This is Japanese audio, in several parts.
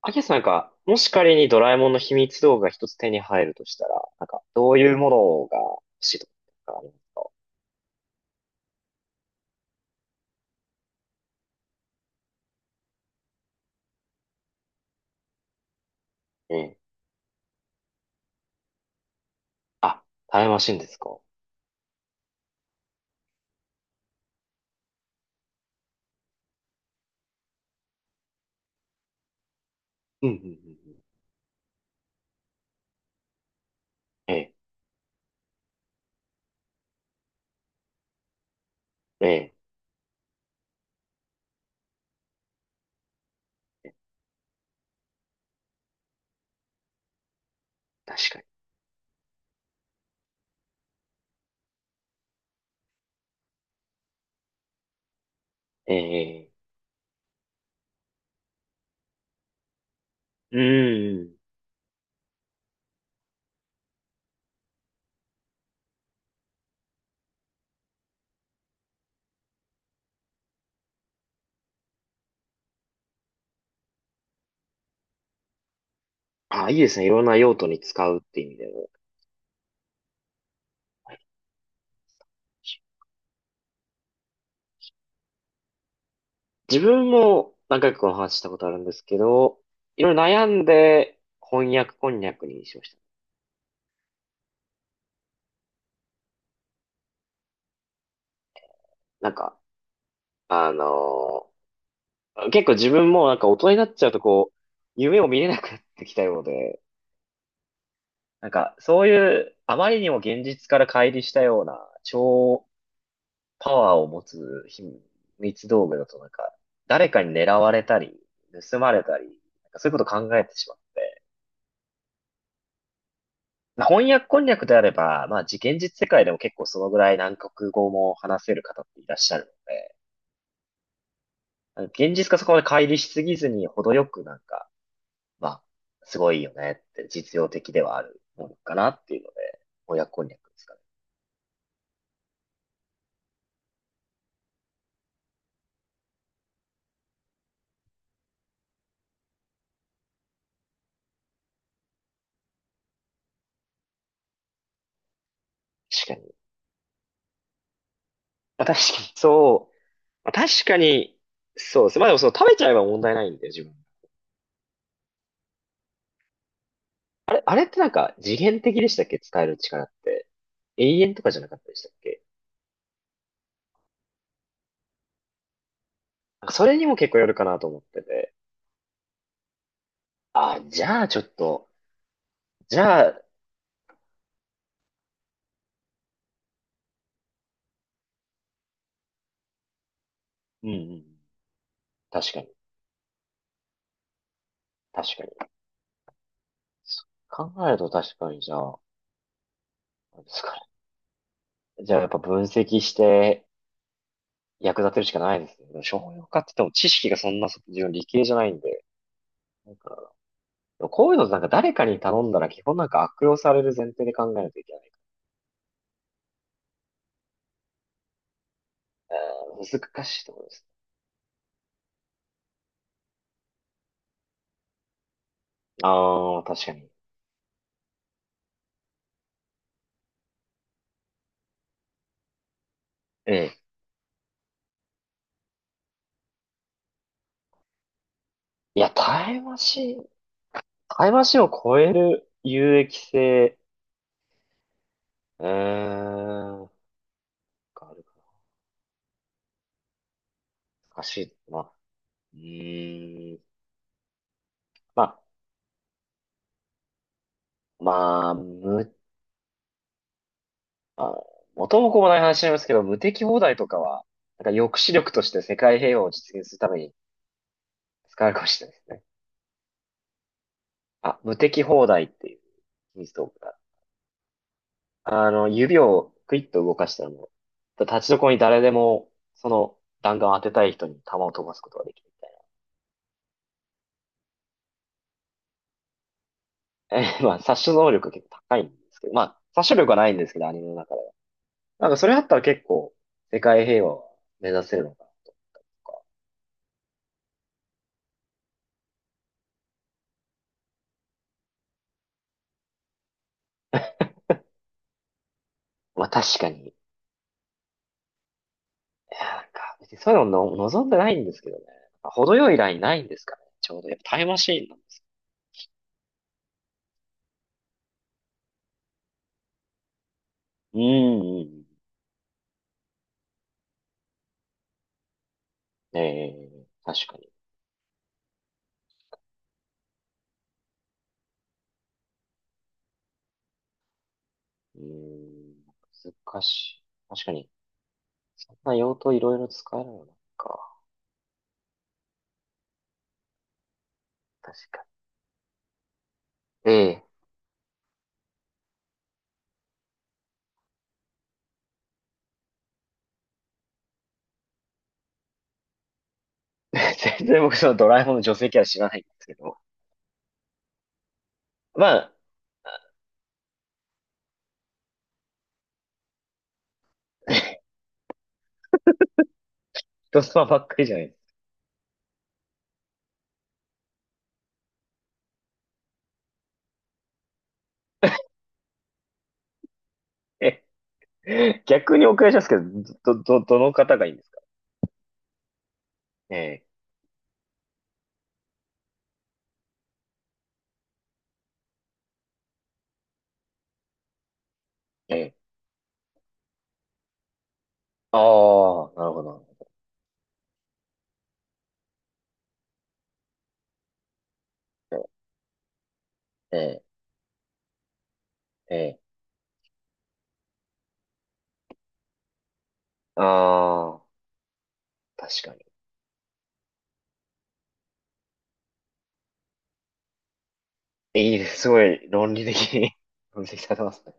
アキラさんなんか、もし仮にドラえもんの秘密道具が一つ手に入るとしたら、なんか、どういうものが欲しいとかありますかね。あ、タイムマシンですか。うん、うん、うんうん。ええ、ええ、確かに。ええ、ええうん。あ、いいですね。いろんな用途に使うって意味でも。自分も何回かこの話したことあるんですけど、いろいろ悩んで翻訳こんにゃくにしました。なんか、あの結構自分もなんか大人になっちゃうとこう、夢を見れなくなってきたようで、なんか、そういう、あまりにも現実から乖離したような、超パワーを持つ秘密道具だと、なんか、誰かに狙われたり、盗まれたり、なんかそういうこと考えてしまって。まあ翻訳こんにゃくであれば、まあ、現実世界でも結構そのぐらい何国語も話せる方っていらっしゃるので、現実がそこまで乖離しすぎずに、程よくなんか、まあ、すごいよねって実用的ではあるものかなっていうので、翻訳こんにゃくですかね。確かに。まあ確かに、そう。まあ、確かに、そうですね。まあでもその食べちゃえば問題ないんで、自分。あれってなんか次元的でしたっけ？使える力って。永遠とかじゃなかったでしたっけ？なんかそれにも結構よるかなと思ってて。あ、じゃあちょっと、じゃあ、うん、うん、確かに、確かに。そう考えると確かにじゃあ、なんですかね。じゃあやっぱ分析して役立てるしかないですね。でも商用化って言っても知識がそんな、自分理系じゃないんで。なんか、でもこういうのなんか誰かに頼んだら基本なんか悪用される前提で考えないといけない。難しいところです。ああ、確かに。ええ。いや、タイムマシンを超える有益性、うーん、なんかあるかな。難しい。まあ、うーん、まあ、まあ、あ、元も子もない話になりますけど、無敵放題とかは、なんか抑止力として世界平和を実現するために使われるかもしれないですね。あ、無敵放題っていう秘密道具が指をクイッと動かしたらもう、立ちどころに誰でも、その弾丸を当てたい人に弾を飛ばすことができるみたいな。え、まあ、殺傷能力結構高いんですけど、まあ、殺傷力はないんですけど、アニメの中で。なんかそれあったら結構、世界平和を目指せるのかなとか。まあ確かに、いやなんか、別にそういうのの望んでないんですけどね。程よいラインないんですかね。ちょうど。やっぱタイムマシーンなんですけどうん、うんうん。ええ確かに。うーん、難しい。確かに。そんな用途いろいろ使えるのなんか。確かにええ。全然僕そのドラえもんの女性キャラ知らないんですけど。まあ、人様ばっかりじゃないです？ええ逆にお伺いしますけど、どの方がいいんですか？ええ、ええ。ああ、なるほど。ええ、ええ。ああ、確かに。いいです。すごい論理的に 分析され ますね。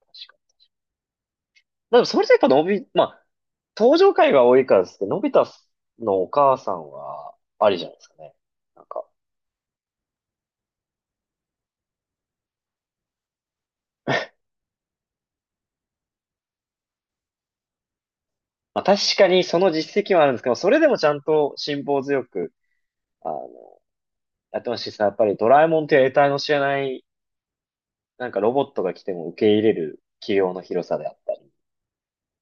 確かに。でもそれでやっぱまあ、登場回が多いからですけど、のび太のお母さんはありじゃないですかね。なんか、まあ、確かにその実績はあるんですけど、それでもちゃんと辛抱強く、あの、やってましたしさ、やっぱりドラえもんっていう得体の知れない、なんかロボットが来ても受け入れる器用の広さであったり。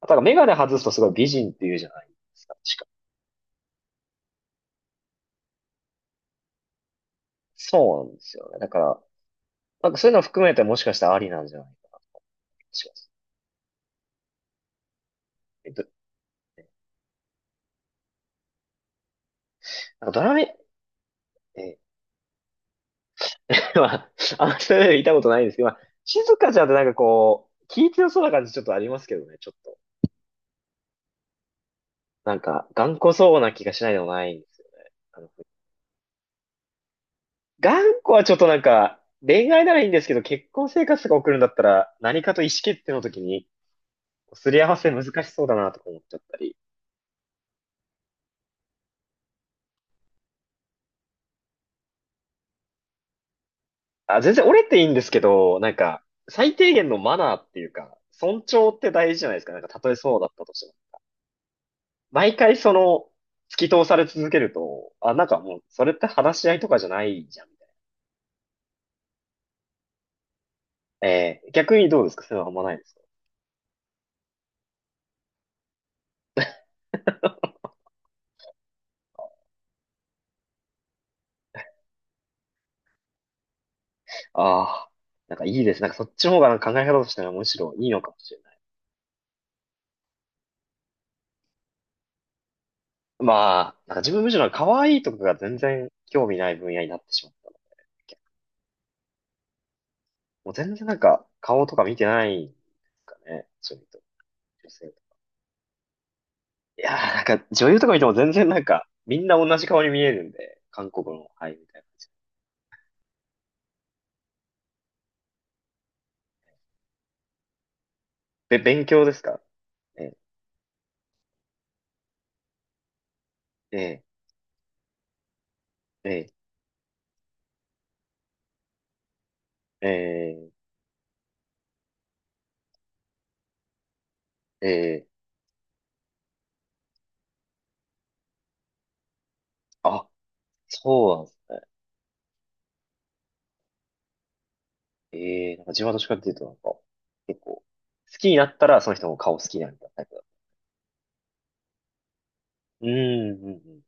あとはメガネ外すとすごい美人って言うじゃないですか、確か。そうなんですよね。だから、なんかそういうのを含めてもしかしたらありなんじゃないかな、します。えっと、なんかドラメ、えまあ、あんまり言いたことないんですけど、まあ、静香ちゃんってなんかこう、気強そうな感じちょっとありますけどね、ちょっと。なんか、頑固そうな気がしないでもないんですよね。あの頑固はちょっとなんか、恋愛ならいいんですけど、結婚生活とか送るんだったら、何かと意思決定の時に、すり合わせ難しそうだなとか思っちゃったり。あ、全然折れていいんですけど、なんか、最低限のマナーっていうか、尊重って大事じゃないですか。なんか、たとえそうだったとしても。毎回突き通され続けると、あ、なんかもう、それって話し合いとかじゃないじゃん、みたいな。逆にどうですか？そういうのあんまないですか？ああー、なんかいいです。なんかそっちの方がなんか考え方としてはむしろいいのかもしれない。まあ、なんか自分むしろ可愛いとかが全然興味ない分野になってしまったんだっけ。もう全然なんか顔とか見てないんですかね。そういうと、女性と。いやーなんか女優とか見ても全然なんかみんな同じ顔に見えるんで、韓国の俳優みたいな。勉強ですか？え、え、え、え、え、え、あ、そうなんですね。ええなんか自分はどっちかっていうとなんか、結構、好きになったらその人の顔好きになるみたいなタイプだ。うん、うん、うん。